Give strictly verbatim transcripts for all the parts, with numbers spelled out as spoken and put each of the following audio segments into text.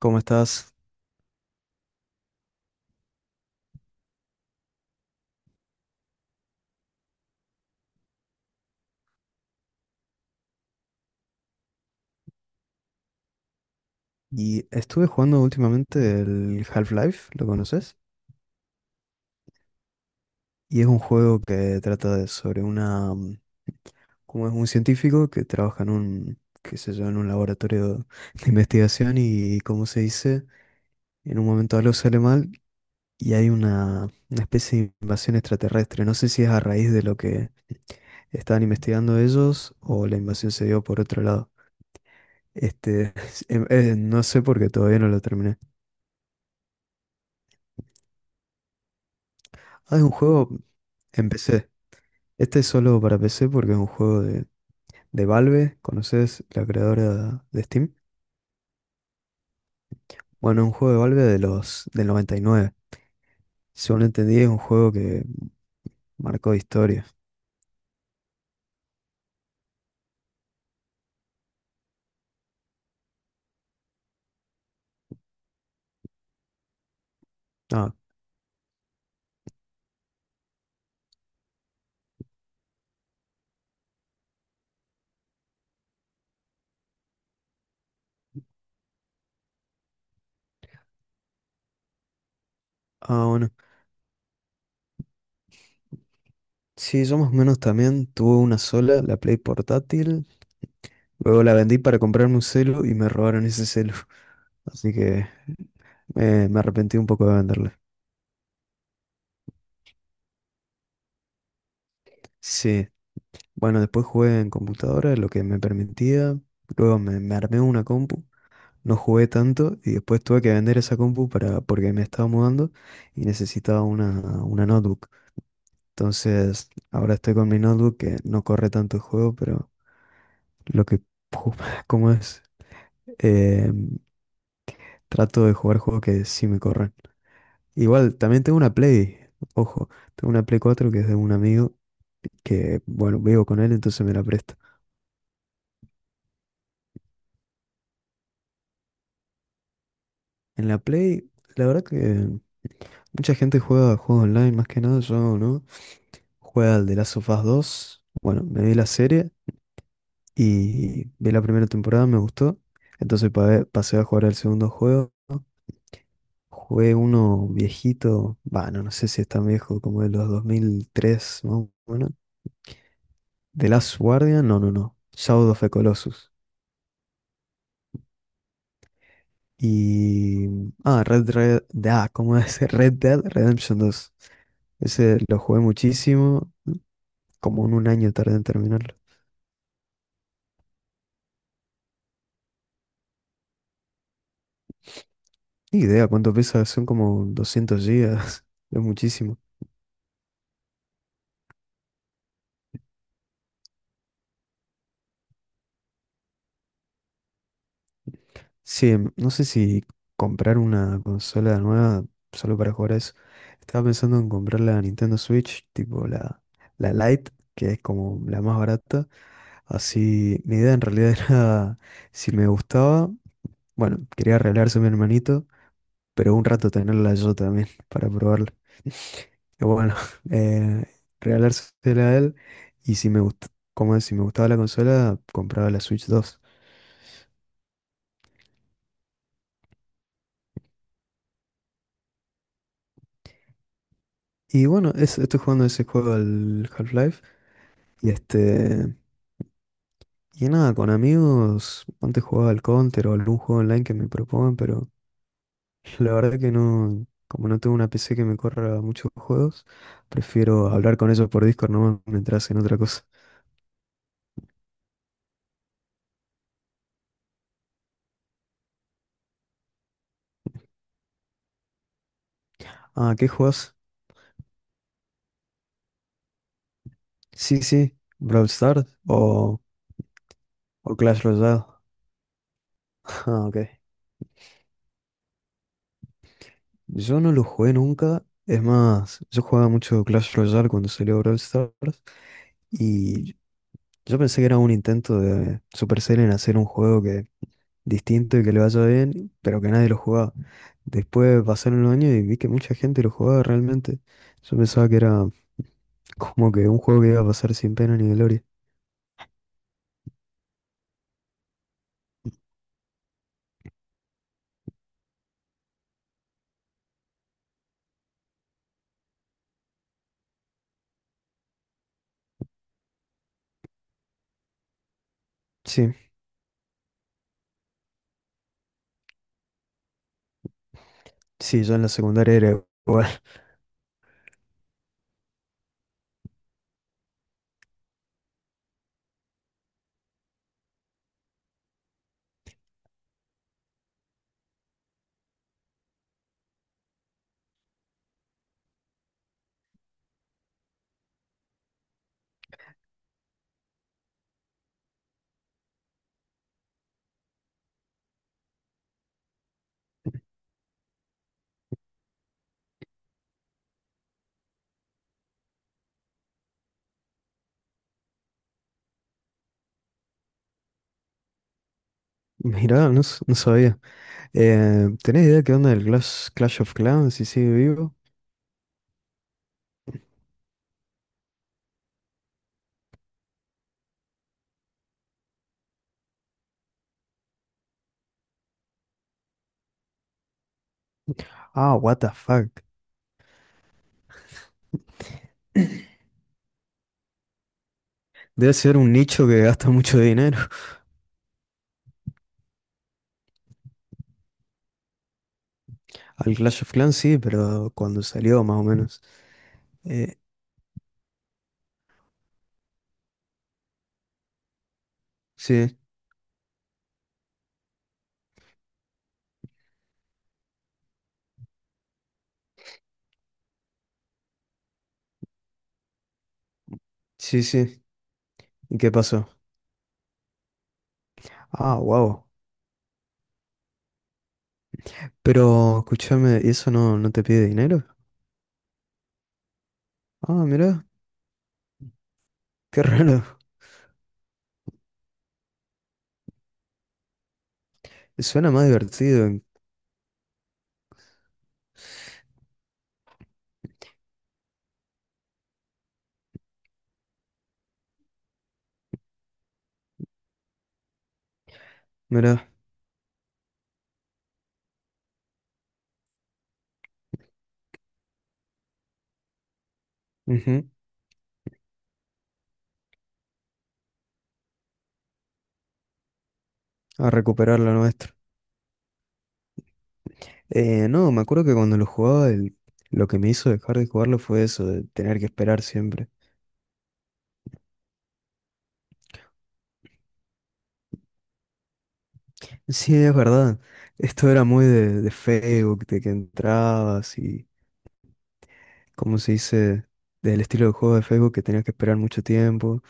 ¿Cómo estás? Y estuve jugando últimamente el Half-Life, ¿lo conoces? Y es un juego que trata de- sobre una, mm, como es un científico que trabaja en un, qué sé yo, en un laboratorio de investigación y, como se dice, en un momento algo sale mal y hay una, una especie de invasión extraterrestre. No sé si es a raíz de lo que estaban investigando ellos o la invasión se dio por otro lado. Este, em- eh, no sé porque todavía no lo terminé. Ah, es un juego, empecé. Este es solo para P C porque es un juego de, de Valve. ¿Conoces la creadora de Steam? Bueno, es un juego de Valve de los del noventa y nueve. Según entendí, es un juego que marcó historia. Ah, ah, bueno. Sí, yo más o menos también tuve una sola, la Play portátil. Luego la vendí para comprarme un celu y me robaron ese celu. Así que eh, me arrepentí un poco de venderla. Sí, bueno, después jugué en computadora, lo que me permitía. Luego me, me armé una compu no jugué tanto y después tuve que vender esa compu para, porque me estaba mudando y necesitaba una, una notebook. Entonces, ahora estoy con mi notebook que no corre tanto el juego, pero lo que, ju- ¿cómo es? Eh, Trato de jugar juegos que sí me corren. Igual, también tengo una Play, ojo, tengo una Play cuatro que es de un amigo que, bueno, vivo con él, entonces me la presta. En la Play, la verdad que mucha gente juega juegos online, más que nada yo, ¿no? Juega al The Last of Us dos. Bueno, me vi la serie y vi la primera temporada, me gustó. Entonces pa- eh, pasé a jugar al segundo juego. Jugué uno viejito, bueno, no sé si es tan viejo como de los dos mil tres, más o menos. The Last Guardian, no, no, no. Shadow of the Colossus. Y... Ah, Red Red... Ah, ¿cómo es? Red Dead Redemption dos. Ese lo jugué muchísimo, como en un año tardé en terminarlo. Ni idea cuánto pesa, son como doscientos gigas, es muchísimo. Sí, em, no sé si comprar una consola nueva solo para jugar a eso. Estaba pensando en comprar la Nintendo Switch, tipo la, la Lite, que es como la más barata. Así, mi idea en realidad era, si me gustaba, bueno, quería regalarse a mi hermanito, pero un rato tenerla yo también para probarla. Y bueno, eh, regalársela a él y si me gustaba, como si me gustaba la consola, compraba la Switch dos. Y bueno, es, estoy jugando ese juego al Half-Life. Y este. Y nada, con amigos. Antes jugaba al Counter o algún juego online que me propongan, pero la verdad que no. Como no tengo una P C que me corra muchos juegos, prefiero hablar con ellos por Discord nomás mientras hacen otra cosa. Ah, ¿qué juegas? Sí, sí, Brawl Stars o, o Clash Royale. Ah, ok. Yo no lo jugué nunca. Es más, yo jugaba mucho Clash Royale cuando salió Brawl Stars. Y yo pensé que era un intento de Supercell en hacer un juego que distinto y que le vaya bien, pero que nadie lo jugaba. Después pasaron los años y vi que mucha gente lo jugaba realmente. Yo pensaba que era como que un juego que iba a pasar sin pena ni gloria. Sí, sí, yo en la secundaria era igual. Mirá, no, s- no sabía. Eh, ¿tenés idea qué onda del Clash, Clash of Clans si sigue vivo? Ah, what the fuck. Debe ser un nicho que gasta mucho dinero. Al Clash of Clans sí, pero cuando salió más o menos. Eh, sí, sí, sí. ¿Y qué pasó? Ah, wow. Pero escúchame, ¿y eso no, no te pide dinero? Ah, mira, qué raro. Suena más divertido. Mira, ujú, a recuperar lo nuestro. Eh, no, me acuerdo que cuando lo jugaba, el- lo que me hizo dejar de jugarlo fue eso, de tener que esperar siempre. Sí, es verdad. Esto era muy de, de Facebook, de que entrabas y, ¿cómo se dice? Del estilo de juego de Facebook que tenías que esperar mucho tiempo.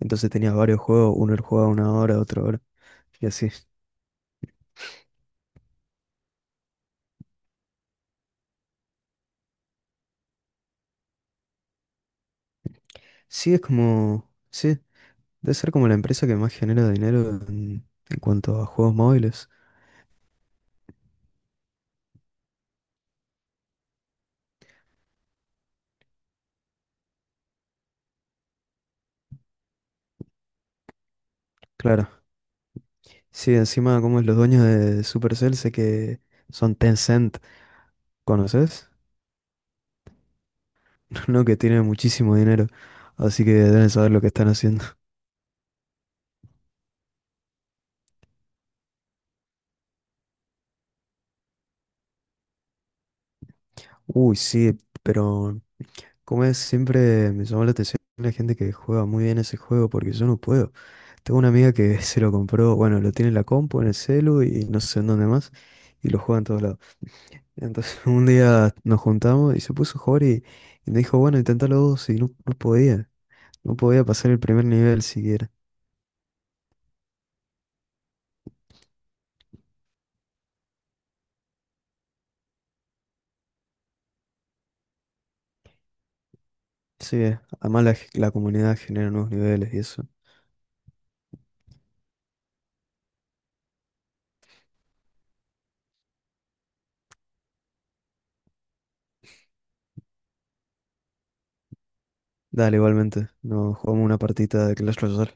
Entonces tenías varios juegos, uno lo jugaba una hora, otro hora, y así. Sí, es como, sí, debe ser como la empresa que más genera dinero en, en cuanto a juegos móviles. Claro. Sí, encima como es los dueños de Supercell, sé que son Tencent, ¿conoces? No, que tienen muchísimo dinero, así que deben saber lo que están haciendo. Uy, sí, pero como es, siempre me llamó la atención la gente que juega muy bien ese juego porque yo no puedo. Tengo una amiga que se lo compró, bueno, lo tiene en la compu, en el celu y no sé en dónde más, y lo juega en todos lados. Entonces un día nos juntamos y se puso a jugar y, y me dijo, bueno, intentalo vos y no, no podía, no podía pasar el primer nivel siquiera. Sí, además la, la comunidad genera nuevos niveles y eso. Dale, igualmente, nos jugamos una partita de Clash Royale.